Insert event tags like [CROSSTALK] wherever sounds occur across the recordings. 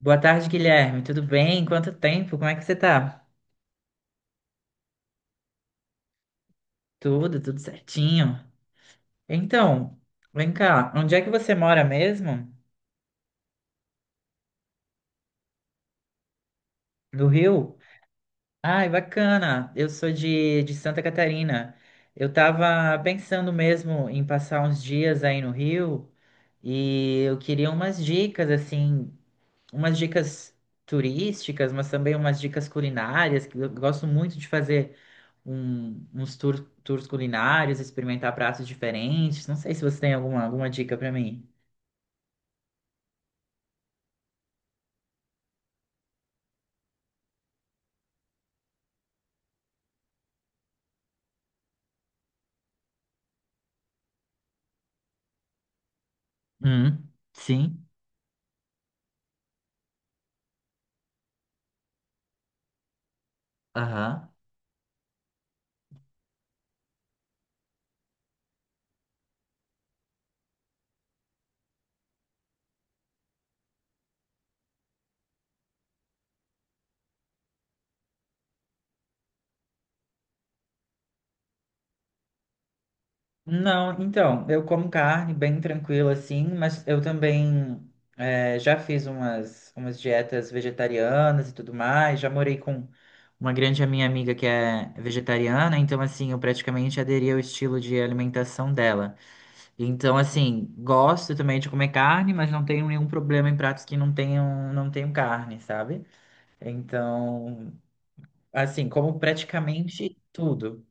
Boa tarde, Guilherme. Tudo bem? Quanto tempo? Como é que você tá? Tudo certinho. Então, vem cá, onde é que você mora mesmo? No Rio? Ai, bacana. Eu sou de Santa Catarina. Eu tava pensando mesmo em passar uns dias aí no Rio e eu queria umas dicas, assim, umas dicas turísticas, mas também umas dicas culinárias, que eu gosto muito de fazer tours culinários, experimentar pratos diferentes. Não sei se você tem alguma dica para mim. Hum, sim. Aham. Não, então, eu como carne bem tranquila assim, mas eu também já fiz umas dietas vegetarianas e tudo mais. Já morei com uma grande minha amiga que é vegetariana, então assim, eu praticamente aderi ao estilo de alimentação dela. Então, assim, gosto também de comer carne, mas não tenho nenhum problema em pratos que não tenham carne, sabe? Então, assim, como praticamente tudo.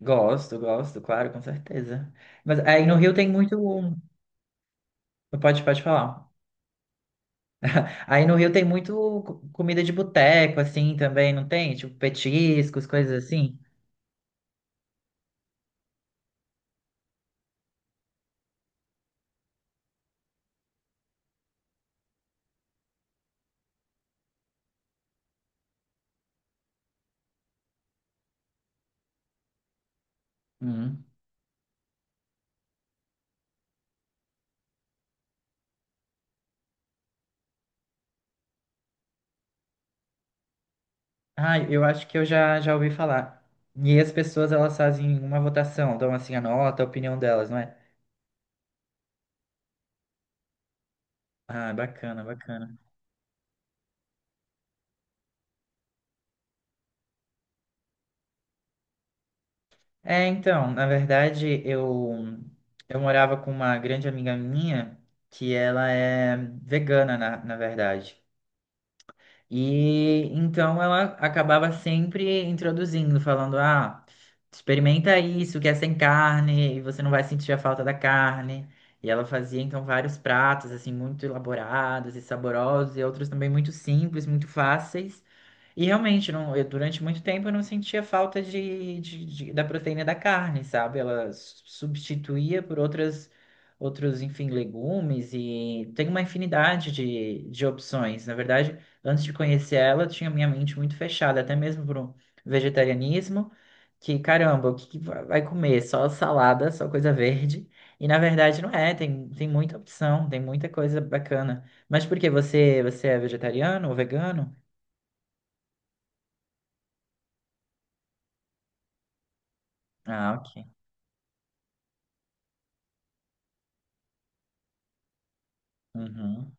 Gosto, gosto, claro, com certeza. Mas aí no Rio tem muito. Pode falar. Aí no Rio tem muito comida de boteco, assim, também, não tem? Tipo, petiscos, coisas assim. Hum. Ah, eu acho que eu já ouvi falar. E as pessoas, elas fazem uma votação, dão assim a nota, a opinião delas, não é? Ah, bacana, bacana. É, então, na verdade, eu morava com uma grande amiga minha que ela é vegana, na verdade. E então ela acabava sempre introduzindo, falando: ah, experimenta isso que é sem carne e você não vai sentir a falta da carne. E ela fazia então vários pratos assim muito elaborados e saborosos e outros também muito simples, muito fáceis. E realmente, não, eu, durante muito tempo eu não sentia falta da proteína da carne, sabe? Ela substituía por outras, outros, enfim, legumes e tem uma infinidade de opções. Na verdade, antes de conhecer ela, eu tinha minha mente muito fechada, até mesmo para o vegetarianismo, que caramba, o que vai comer? Só salada, só coisa verde. E na verdade não é, tem, tem muita opção, tem muita coisa bacana. Mas por quê? Você é vegetariano ou vegano? Ah, ok. Uhum.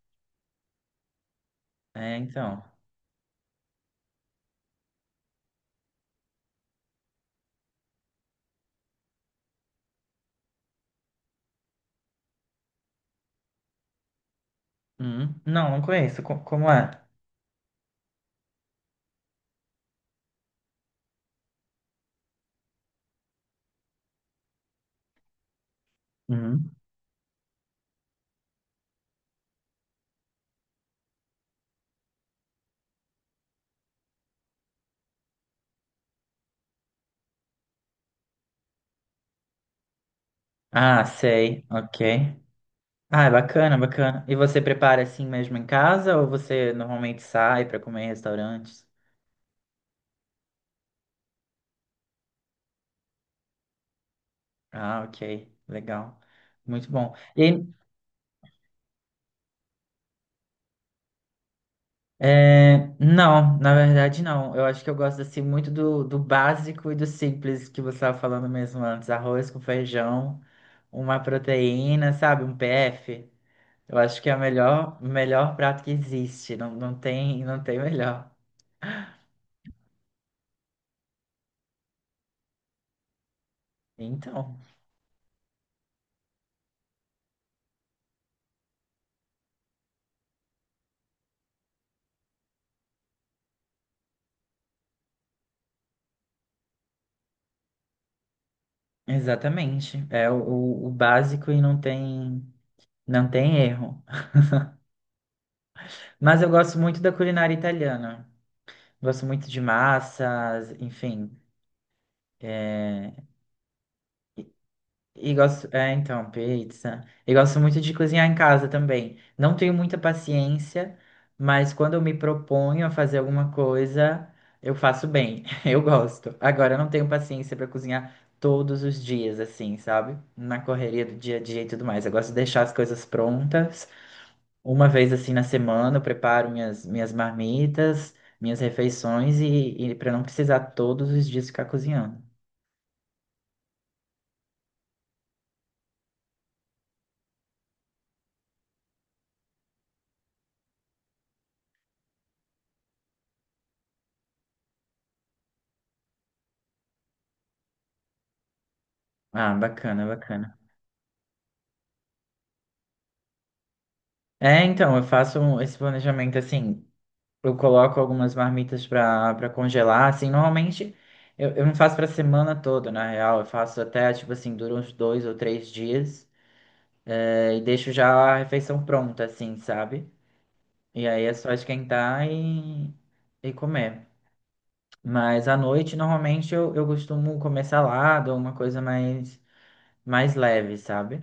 É, então. Uhum. Não, não conheço. Como é? Uhum. Ah, sei. Ok. Ah, é bacana, bacana. E você prepara assim mesmo em casa ou você normalmente sai para comer em restaurantes? Ah, ok. Legal. Muito bom. E, aí, não, na verdade não. Eu acho que eu gosto assim muito do básico e do simples que você estava falando mesmo antes. Arroz com feijão, uma proteína, sabe? Um PF. Eu acho que é o melhor prato que existe. Não, não tem, não tem melhor. Então, exatamente. É o, o básico e não tem, não tem erro. Mas eu gosto muito da culinária italiana. Gosto muito de massas, enfim. é, E gosto, pizza. E gosto muito de cozinhar em casa também. Não tenho muita paciência, mas quando eu me proponho a fazer alguma coisa, eu faço bem. [LAUGHS] Eu gosto. Agora, eu não tenho paciência para cozinhar todos os dias, assim, sabe? Na correria do dia a dia e tudo mais. Eu gosto de deixar as coisas prontas. Uma vez, assim, na semana, eu preparo minhas marmitas, minhas refeições e para não precisar todos os dias ficar cozinhando. Ah, bacana, bacana. É, então, eu faço esse planejamento assim, eu coloco algumas marmitas para congelar, assim, normalmente eu não faço para semana toda, na real, eu faço até, tipo assim, dura uns dois ou três dias, e deixo já a refeição pronta, assim, sabe? E aí é só esquentar e comer. Mas à noite, normalmente, eu costumo comer salada ou uma coisa mais, mais leve, sabe?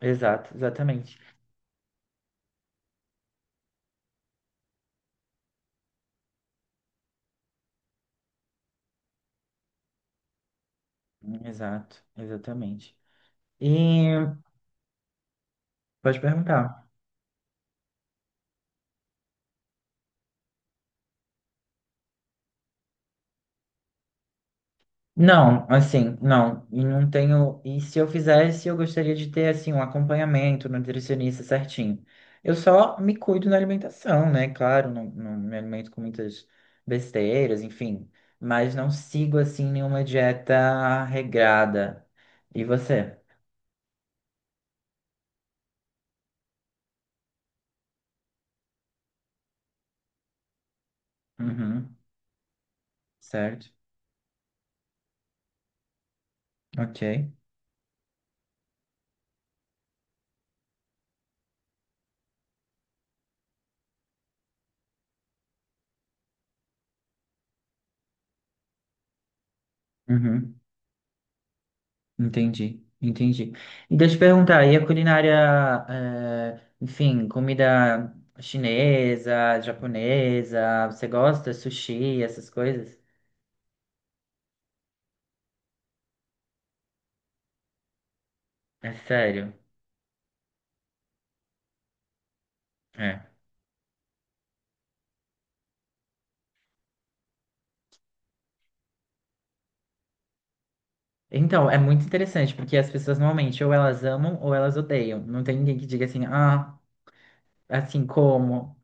Exato, exatamente. Exato, exatamente. E pode perguntar. Não, assim, não. E não tenho. E se eu fizesse, eu gostaria de ter, assim, um acompanhamento, um nutricionista certinho. Eu só me cuido na alimentação, né? Claro, não, não me alimento com muitas besteiras, enfim. Mas não sigo, assim, nenhuma dieta regrada. E você? Uhum, certo. Ok. Uhum. Entendi, entendi. E deixa eu te perguntar, e a culinária, enfim, comida chinesa, japonesa, você gosta? Sushi, essas coisas? É sério? É. Então, é muito interessante, porque as pessoas normalmente ou elas amam ou elas odeiam. Não tem ninguém que diga assim, ah, assim como?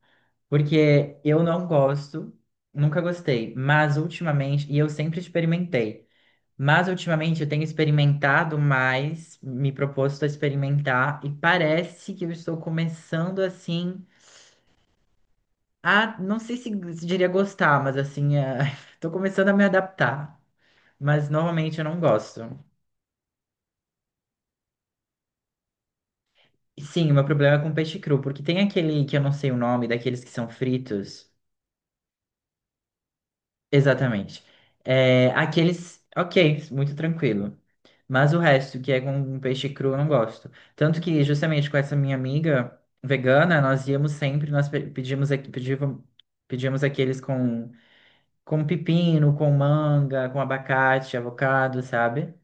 Porque eu não gosto, nunca gostei, mas ultimamente, e eu sempre experimentei. Mas ultimamente eu tenho experimentado mais, me proposto a experimentar, e parece que eu estou começando assim a, não sei se, se diria gostar, mas assim, estou [LAUGHS] começando a me adaptar. Mas normalmente eu não gosto. E sim, o meu problema é com peixe cru, porque tem aquele que eu não sei o nome, daqueles que são fritos. Exatamente. É, aqueles, ok, muito tranquilo. Mas o resto, que é com um peixe cru, eu não gosto. Tanto que, justamente com essa minha amiga vegana, nós íamos sempre, nós pe- pedíamos, aqui- pedíamos, pedíamos aqueles com pepino, com manga, com abacate, avocado, sabe?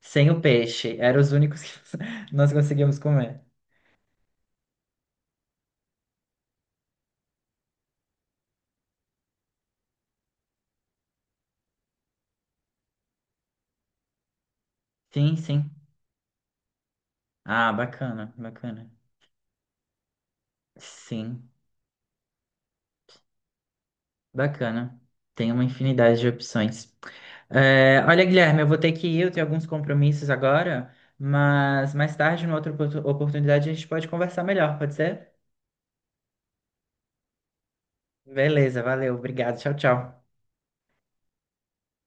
Sem o peixe. Eram os únicos que [LAUGHS] nós conseguíamos comer. Sim, sim. Ah, bacana, bacana. Sim, bacana. Tem uma infinidade de opções. É, olha, Guilherme, eu vou ter que ir, eu tenho alguns compromissos agora, mas mais tarde, numa outra oportunidade, a gente pode conversar melhor, pode ser? Beleza, valeu, obrigado, tchau, tchau.